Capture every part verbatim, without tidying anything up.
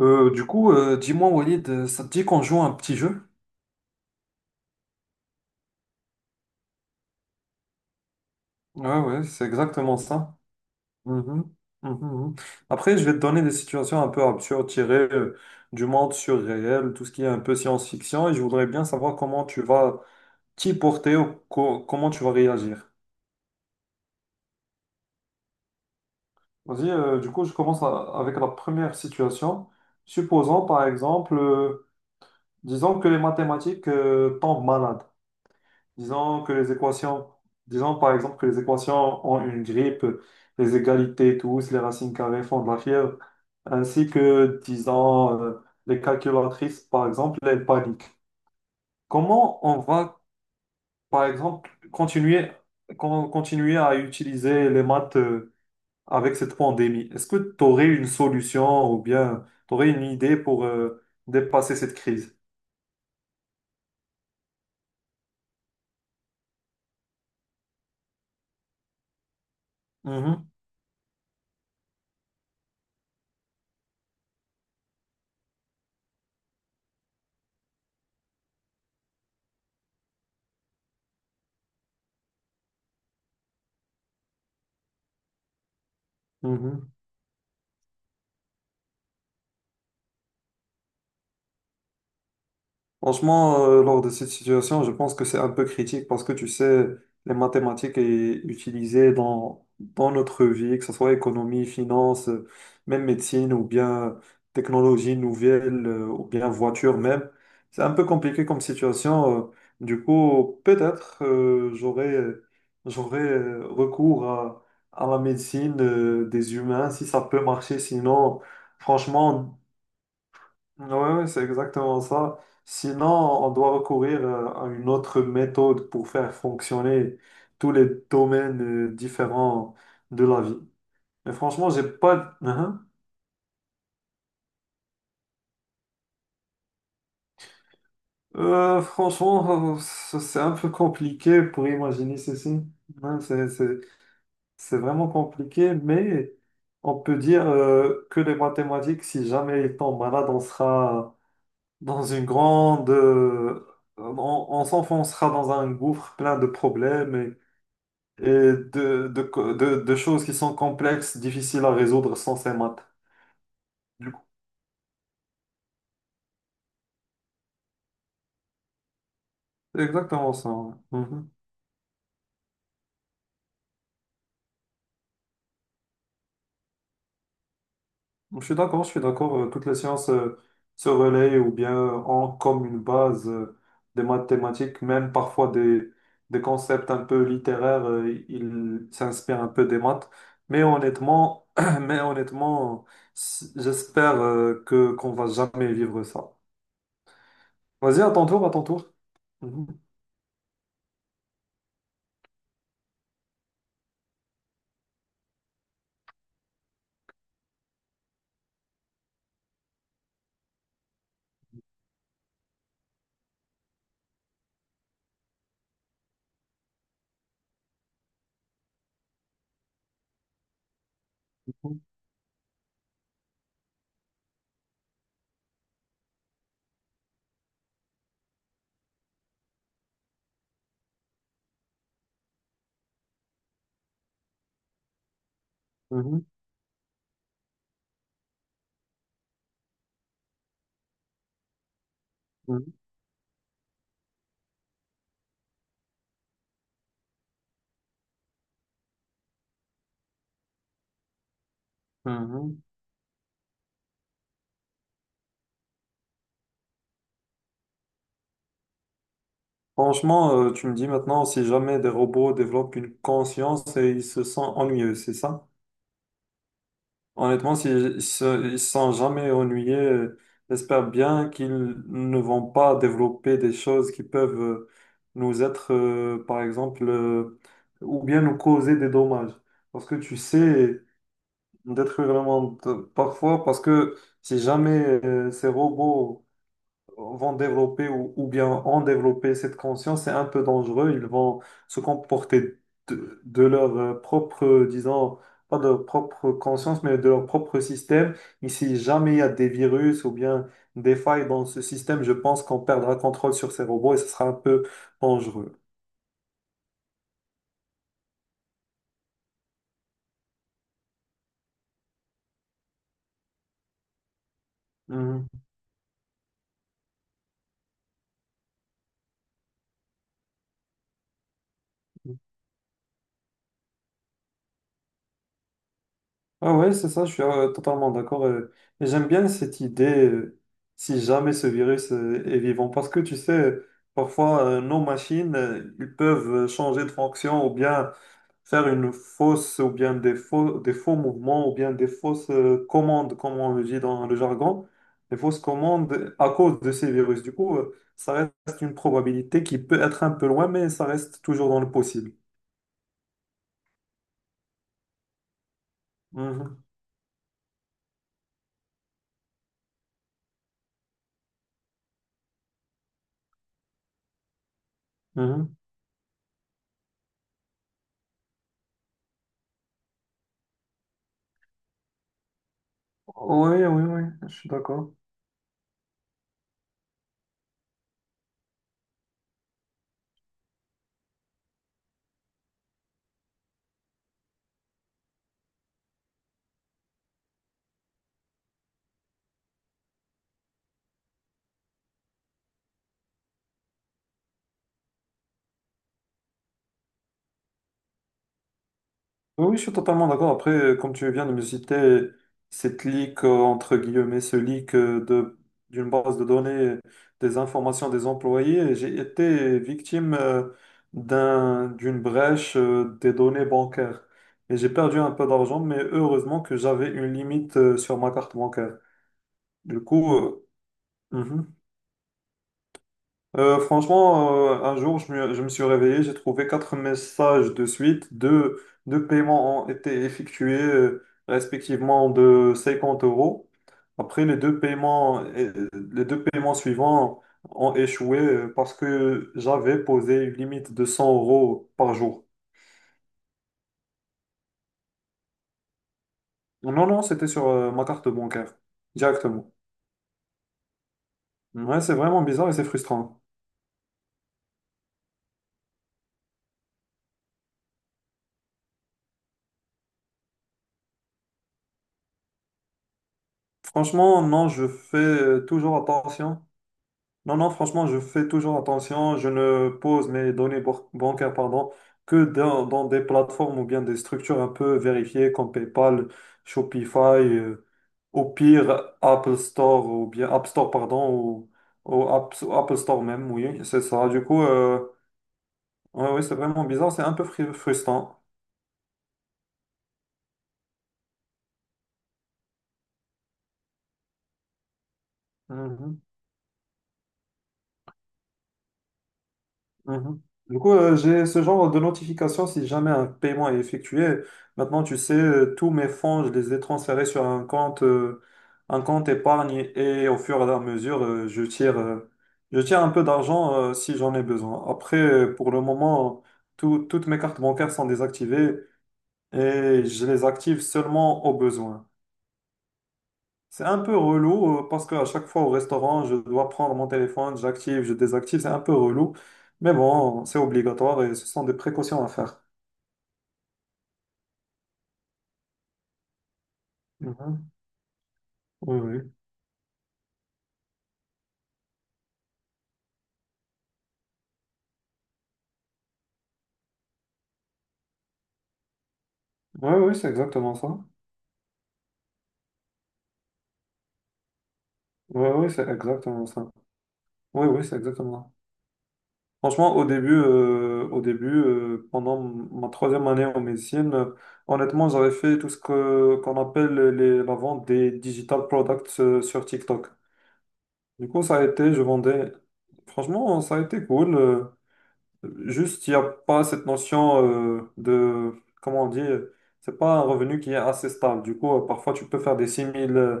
Euh, du coup, euh, dis-moi, Walid, euh, ça te dit qu'on joue à un petit jeu? Ouais, ouais, c'est exactement ça. Mhm, mhm, mhm. Après, je vais te donner des situations un peu absurdes, tirées euh, du monde surréel, tout ce qui est un peu science-fiction, et je voudrais bien savoir comment tu vas t'y porter ou co- comment tu vas réagir. Vas-y, euh, du coup, je commence à- avec la première situation. Supposons, par exemple, euh, disons que les mathématiques euh, tombent malades. Disons que les équations, Disons par exemple que les équations ont une grippe, les égalités tous, les racines carrées font de la fièvre, ainsi que, disons, euh, les calculatrices, par exemple, elles paniquent. Comment on va, par exemple, continuer, con- continuer à utiliser les maths euh, avec cette pandémie? Est-ce que tu aurais une solution ou bien tu aurais une idée pour euh, dépasser cette crise? Mhm, mhm. Franchement, euh, lors de cette situation, je pense que c'est un peu critique parce que tu sais, les mathématiques est utilisées dans, dans notre vie, que ce soit économie, finance, euh, même médecine ou bien technologie nouvelle euh, ou bien voiture même. C'est un peu compliqué comme situation. euh. Du coup, peut-être euh, j'aurais j'aurais euh, recours à, à la médecine euh, des humains si ça peut marcher. Sinon, franchement. Ouais, ouais, c'est exactement ça. Sinon, on doit recourir euh, à une autre méthode pour faire fonctionner tous les domaines euh, différents de la vie. Mais franchement, j'ai pas. d- Hein. Euh, franchement, euh, c- c'est un peu compliqué pour imaginer ceci. Hein, c'est, c'est- c'est vraiment compliqué, mais on peut dire euh, que les mathématiques, si jamais ils tombent malade, on sera dans une grande, euh, on on s'enfoncera dans un gouffre plein de problèmes et de, de, co- de, de choses qui sont complexes, difficiles à résoudre sans ces maths. Du coup, c'est exactement ça. Ouais. Mhm. Je suis d'accord, je suis d'accord. euh, Toutes les sciences euh, se relaient ou bien ont comme une base euh, des mathématiques, même parfois des, des concepts un peu littéraires, euh, ils s'inspirent un peu des maths. Mais honnêtement, mais honnêtement, s- j'espère euh, que qu'on va jamais vivre ça. Vas-y, à ton tour, à ton tour. Mhm. Mhm. Mhm. Mhm. Franchement, euh, tu me dis maintenant, si jamais des robots développent une conscience et ils se sentent ennuyeux, c'est ça? Honnêtement, s'ils se, ils se sentent jamais ennuyés, euh, j'espère bien qu'ils ne vont pas développer des choses qui peuvent euh, nous être, euh, par exemple, euh, ou bien nous causer des dommages. Parce que tu sais, détruire le monde euh, parfois, parce que si jamais euh, ces robots vont développer ou, ou bien ont développé cette conscience, c'est un peu dangereux. Ils vont se comporter de, de leur euh, propre, disons, pas de leur propre conscience, mais de leur propre système. Et si jamais il y a des virus ou bien des failles dans ce système, je pense qu'on perdra contrôle sur ces robots et ce sera un peu dangereux. Mhm. Ah ouais, c'est ça, je suis euh, totalement d'accord. euh, et j'aime bien cette idée, euh, si jamais ce virus euh, est vivant, parce que tu sais, parfois euh, nos machines, euh, ils peuvent euh, changer de fonction ou bien faire une fausse, ou bien des faux, des faux mouvements, ou bien des fausses euh, commandes, comme on le dit dans le jargon, des fausses commandes à cause de ces virus. Du coup, euh, ça reste une probabilité qui peut être un peu loin, mais ça reste toujours dans le possible. Mhm, mhm. Oui, oui, oui, je suis d'accord. Oui, oui, je suis totalement d'accord. Après, euh, comme tu viens de me citer cette leak, euh, entre guillemets, ce leak euh, de, d'une base de données des informations des employés, j'ai été victime euh, d'un, d'une brèche euh, des données bancaires. Et j'ai perdu un peu d'argent, mais heureusement que j'avais une limite euh, sur ma carte bancaire. Du coup, euh, mhm. Euh, franchement, euh, un jour, je me, je me suis réveillé, j'ai trouvé quatre messages de suite. Deux, deux paiements ont été effectués, euh, respectivement de cinquante euros. Après, les deux paiements, euh, les deux paiements suivants ont échoué euh, parce que j'avais posé une limite de cent euros par jour. Non, non, c'était sur euh, ma carte bancaire, directement. Ouais, c'est vraiment bizarre et c'est frustrant. Franchement, non, je fais euh, toujours attention. Non, non, franchement, je fais toujours attention. Je ne pose mes données bor- bancaires, pardon, que dans, dans des plateformes ou bien des structures un peu vérifiées comme PayPal, Shopify, euh, au pire Apple Store ou bien App Store, pardon, ou, ou App, Apple Store même, oui, c'est ça. Du coup, euh, ouais, ouais, c'est vraiment bizarre, c'est un peu fri- frustrant. Mhm. Mhm. Du coup, euh, j'ai ce genre de notification si jamais un paiement est effectué. Maintenant, tu sais, euh, tous mes fonds, je les ai transférés sur un compte, euh, un compte épargne et au fur et à mesure, euh, je tire, euh, je tire un peu d'argent, euh, si j'en ai besoin. Après, euh, pour le moment, tout- toutes mes cartes bancaires sont désactivées et je les active seulement au besoin. C'est un peu relou euh, parce qu'à chaque fois au restaurant, je dois prendre mon téléphone, j'active, je désactive, c'est un peu relou. Mais bon, c'est obligatoire et ce sont des précautions à faire. Mhm. Oui, oui. Oui, oui, c'est exactement ça. Oui, oui, c'est exactement ça. Oui, oui, c'est exactement ça. Franchement, au début, euh, au début, euh, pendant ma troisième année en médecine, euh, honnêtement, j'avais fait tout ce que, qu'on appelle les, la vente des digital products euh, sur TikTok. Du coup, ça a été, je vendais. Franchement, ça a été cool. euh, Juste, il n'y a pas cette notion euh, de, comment on dit, euh, c'est pas un revenu qui est assez stable. Du coup, euh, parfois, tu peux faire des six mille euh,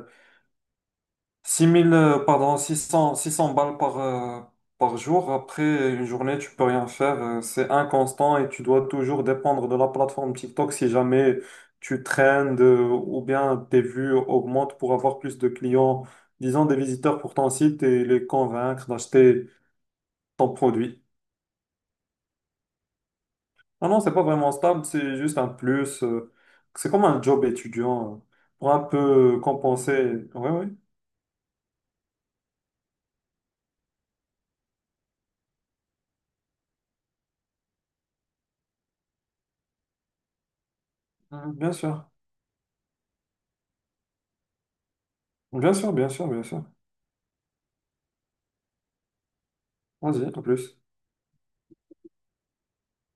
six mille, euh, pardon, six 600 balles par, euh, par jour. Après une journée, tu peux rien faire. Euh, C'est inconstant et tu dois toujours dépendre de la plateforme TikTok si jamais tu traînes de- ou bien tes vues augmentent pour avoir plus de clients, disons des visiteurs pour ton site et les convaincre d'acheter ton produit. Non, non, c'est pas vraiment stable, c'est juste un plus. euh, c'est comme un job étudiant euh, pour un peu compenser. Oui, oui, bien sûr. Bien sûr, bien sûr, bien sûr. Vas-y, en plus.